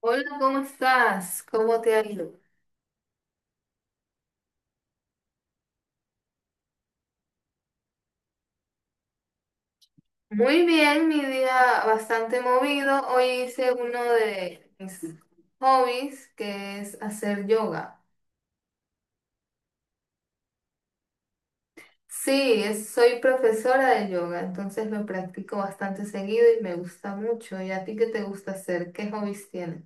Hola, ¿cómo estás? ¿Cómo te ha ido? Muy bien, mi día bastante movido. Hoy hice uno de mis hobbies, que es hacer yoga. Sí, soy profesora de yoga, entonces lo practico bastante seguido y me gusta mucho. ¿Y a ti qué te gusta hacer? ¿Qué hobbies tienes?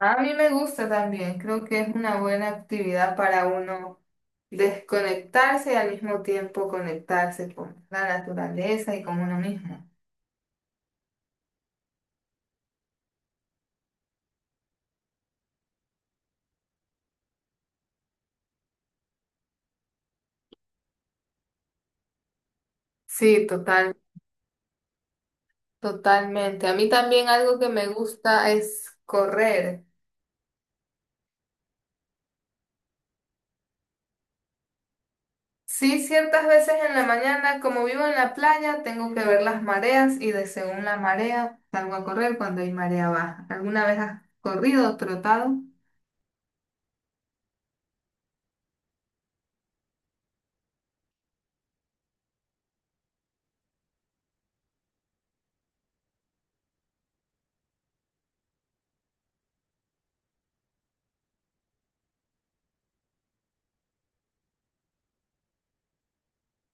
A mí me gusta también, creo que es una buena actividad para uno desconectarse y al mismo tiempo conectarse con la naturaleza y con uno mismo. Sí, totalmente. Totalmente. A mí también algo que me gusta es correr. Sí, ciertas veces en la mañana, como vivo en la playa, tengo que ver las mareas y de según la marea salgo a correr cuando hay marea baja. ¿Alguna vez has corrido o trotado?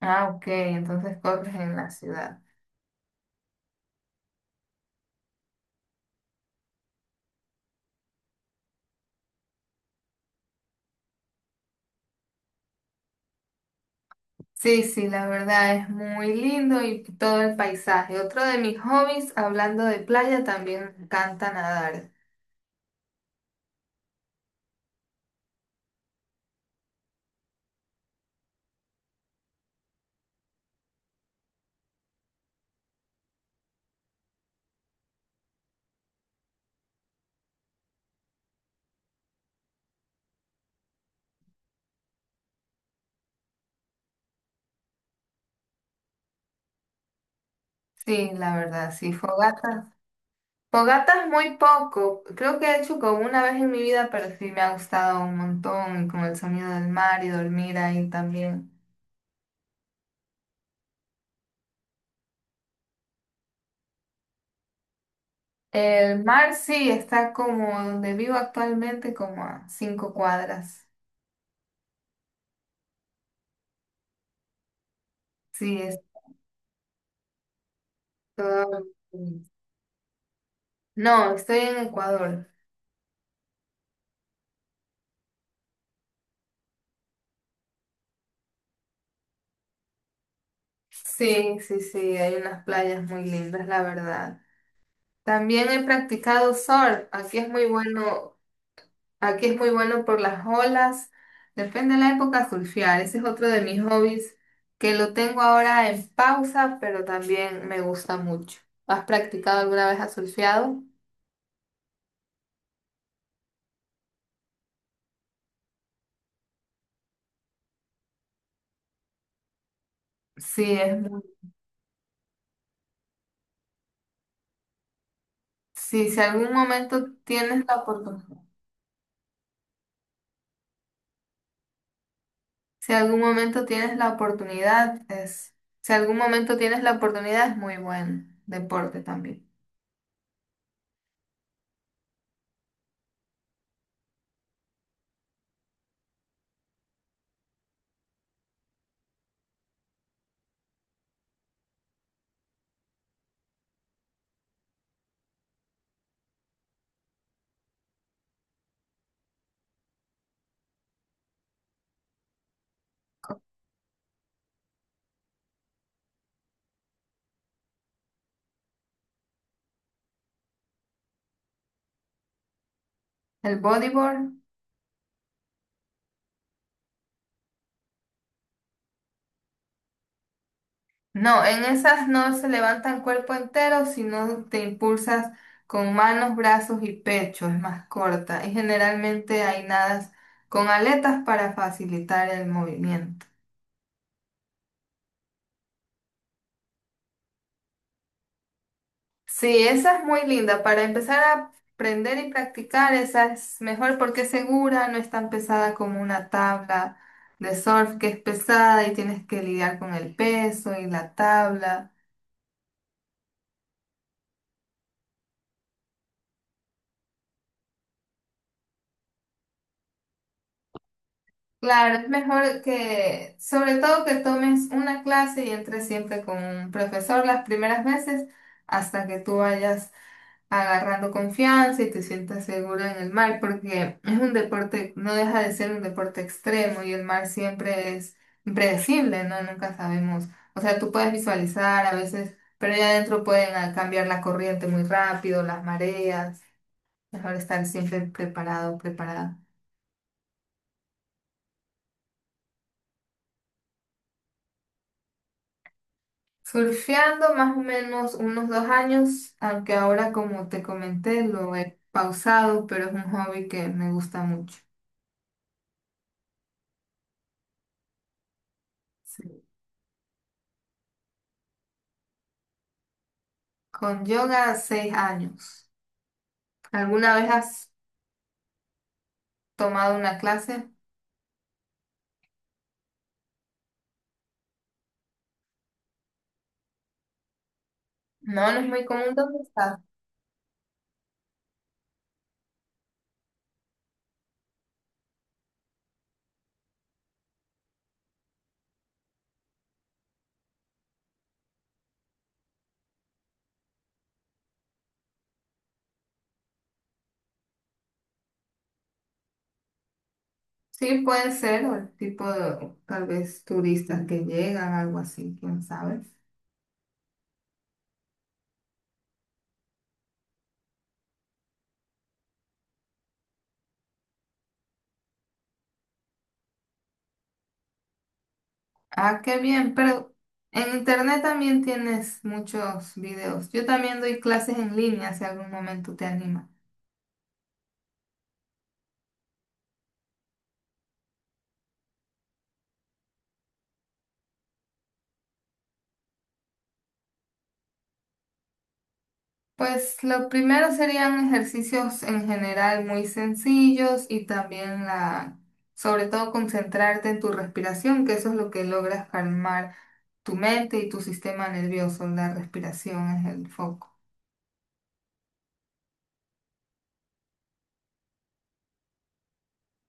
Ah, ok, entonces corres en la ciudad. Sí, sí, la verdad es muy lindo y todo el paisaje. Otro de mis hobbies, hablando de playa, también me encanta nadar. Sí, la verdad, sí, fogata. Fogatas muy poco. Creo que he hecho como una vez en mi vida, pero sí me ha gustado un montón, y con el sonido del mar y dormir ahí también. El mar sí está como donde vivo actualmente, como a 5 cuadras. Sí, es todo- No, estoy en Ecuador. Sí, sí, sí, hay unas playas muy lindas, la verdad. También he practicado surf. Aquí es muy bueno. Aquí es muy bueno por las olas. Depende de la época surfear. Ese es otro de mis hobbies que lo tengo ahora en pausa, pero también me gusta mucho. ¿Has practicado alguna vez? ¿Has surfeado? Sí, es muy... Sí, si algún momento tienes la oportunidad, si algún momento tienes la oportunidad, es... Si algún momento tienes la oportunidad, es muy buen deporte también. El bodyboard. No, en esas no se levanta el cuerpo entero, sino te impulsas con manos, brazos y pecho, es más corta. Y generalmente hay nadas con aletas para facilitar el movimiento. Sí, esa es muy linda. Para empezar a aprender y practicar, esa es mejor porque es segura, no es tan pesada como una tabla de surf que es pesada y tienes que lidiar con el peso y la tabla. Claro, es mejor que, sobre todo que tomes una clase y entres siempre con un profesor las primeras veces hasta que tú vayas agarrando confianza y te sientas seguro en el mar, porque es un deporte, no deja de ser un deporte extremo y el mar siempre es impredecible, ¿no? Nunca sabemos. O sea, tú puedes visualizar a veces, pero ya adentro pueden cambiar la corriente muy rápido, las mareas. Mejor estar siempre preparado, preparada. Surfeando más o menos unos 2 años, aunque ahora como te comenté lo he pausado, pero es un hobby que me gusta mucho. Sí. Con yoga, 6 años. ¿Alguna vez has tomado una clase? No, no es muy común. ¿Dónde estás? Sí, puede ser, o el tipo de, tal vez, turistas que llegan, algo así, quién sabe. Ah, qué bien, pero en internet también tienes muchos videos. Yo también doy clases en línea, si algún momento te animas. Pues lo primero serían ejercicios en general muy sencillos y también la, sobre todo concentrarte en tu respiración, que eso es lo que logras calmar tu mente y tu sistema nervioso. La respiración es el foco.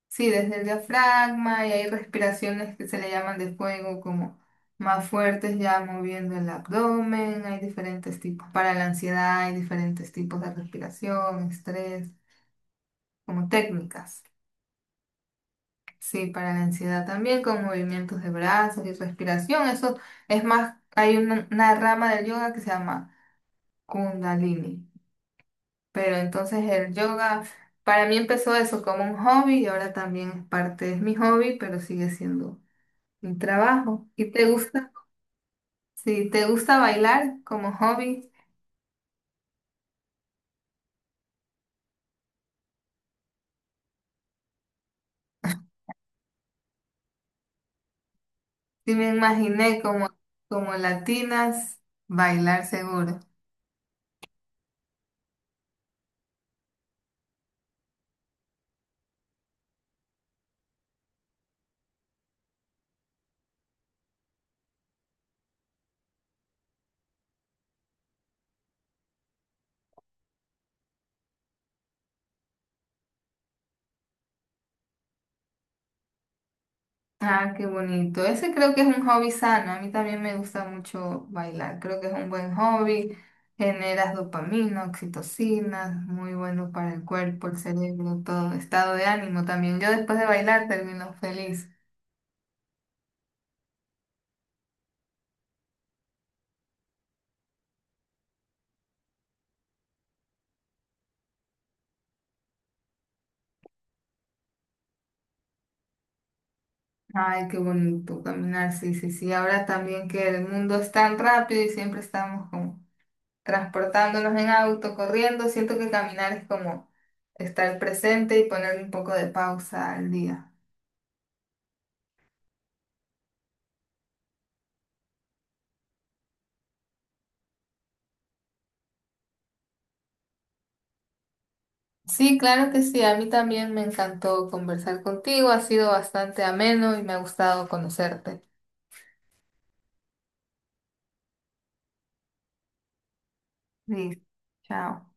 Sí, desde el diafragma y hay respiraciones que se le llaman de fuego, como más fuertes ya moviendo el abdomen. Hay diferentes tipos. Para la ansiedad hay diferentes tipos de respiración, estrés, como técnicas. Sí, para la ansiedad también, con movimientos de brazos y respiración. Eso es más, hay una rama del yoga que se llama Kundalini. Pero entonces el yoga, para mí empezó eso como un hobby y ahora también es parte, es mi hobby, pero sigue siendo un trabajo. ¿Y te gusta? Si te gusta bailar como hobby, sí me imaginé como, como latinas, bailar seguro. Ah, qué bonito. Ese creo que es un hobby sano. A mí también me gusta mucho bailar. Creo que es un buen hobby. Generas dopamina, oxitocina, muy bueno para el cuerpo, el cerebro, todo. Estado de ánimo también. Yo después de bailar termino feliz. Ay, qué bonito caminar. Sí, sí, sí. Ahora también que el mundo es tan rápido y siempre estamos como transportándonos en auto, corriendo. Siento que caminar es como estar presente y ponerle un poco de pausa al día. Sí, claro que sí. A mí también me encantó conversar contigo. Ha sido bastante ameno y me ha gustado conocerte. Sí, chao.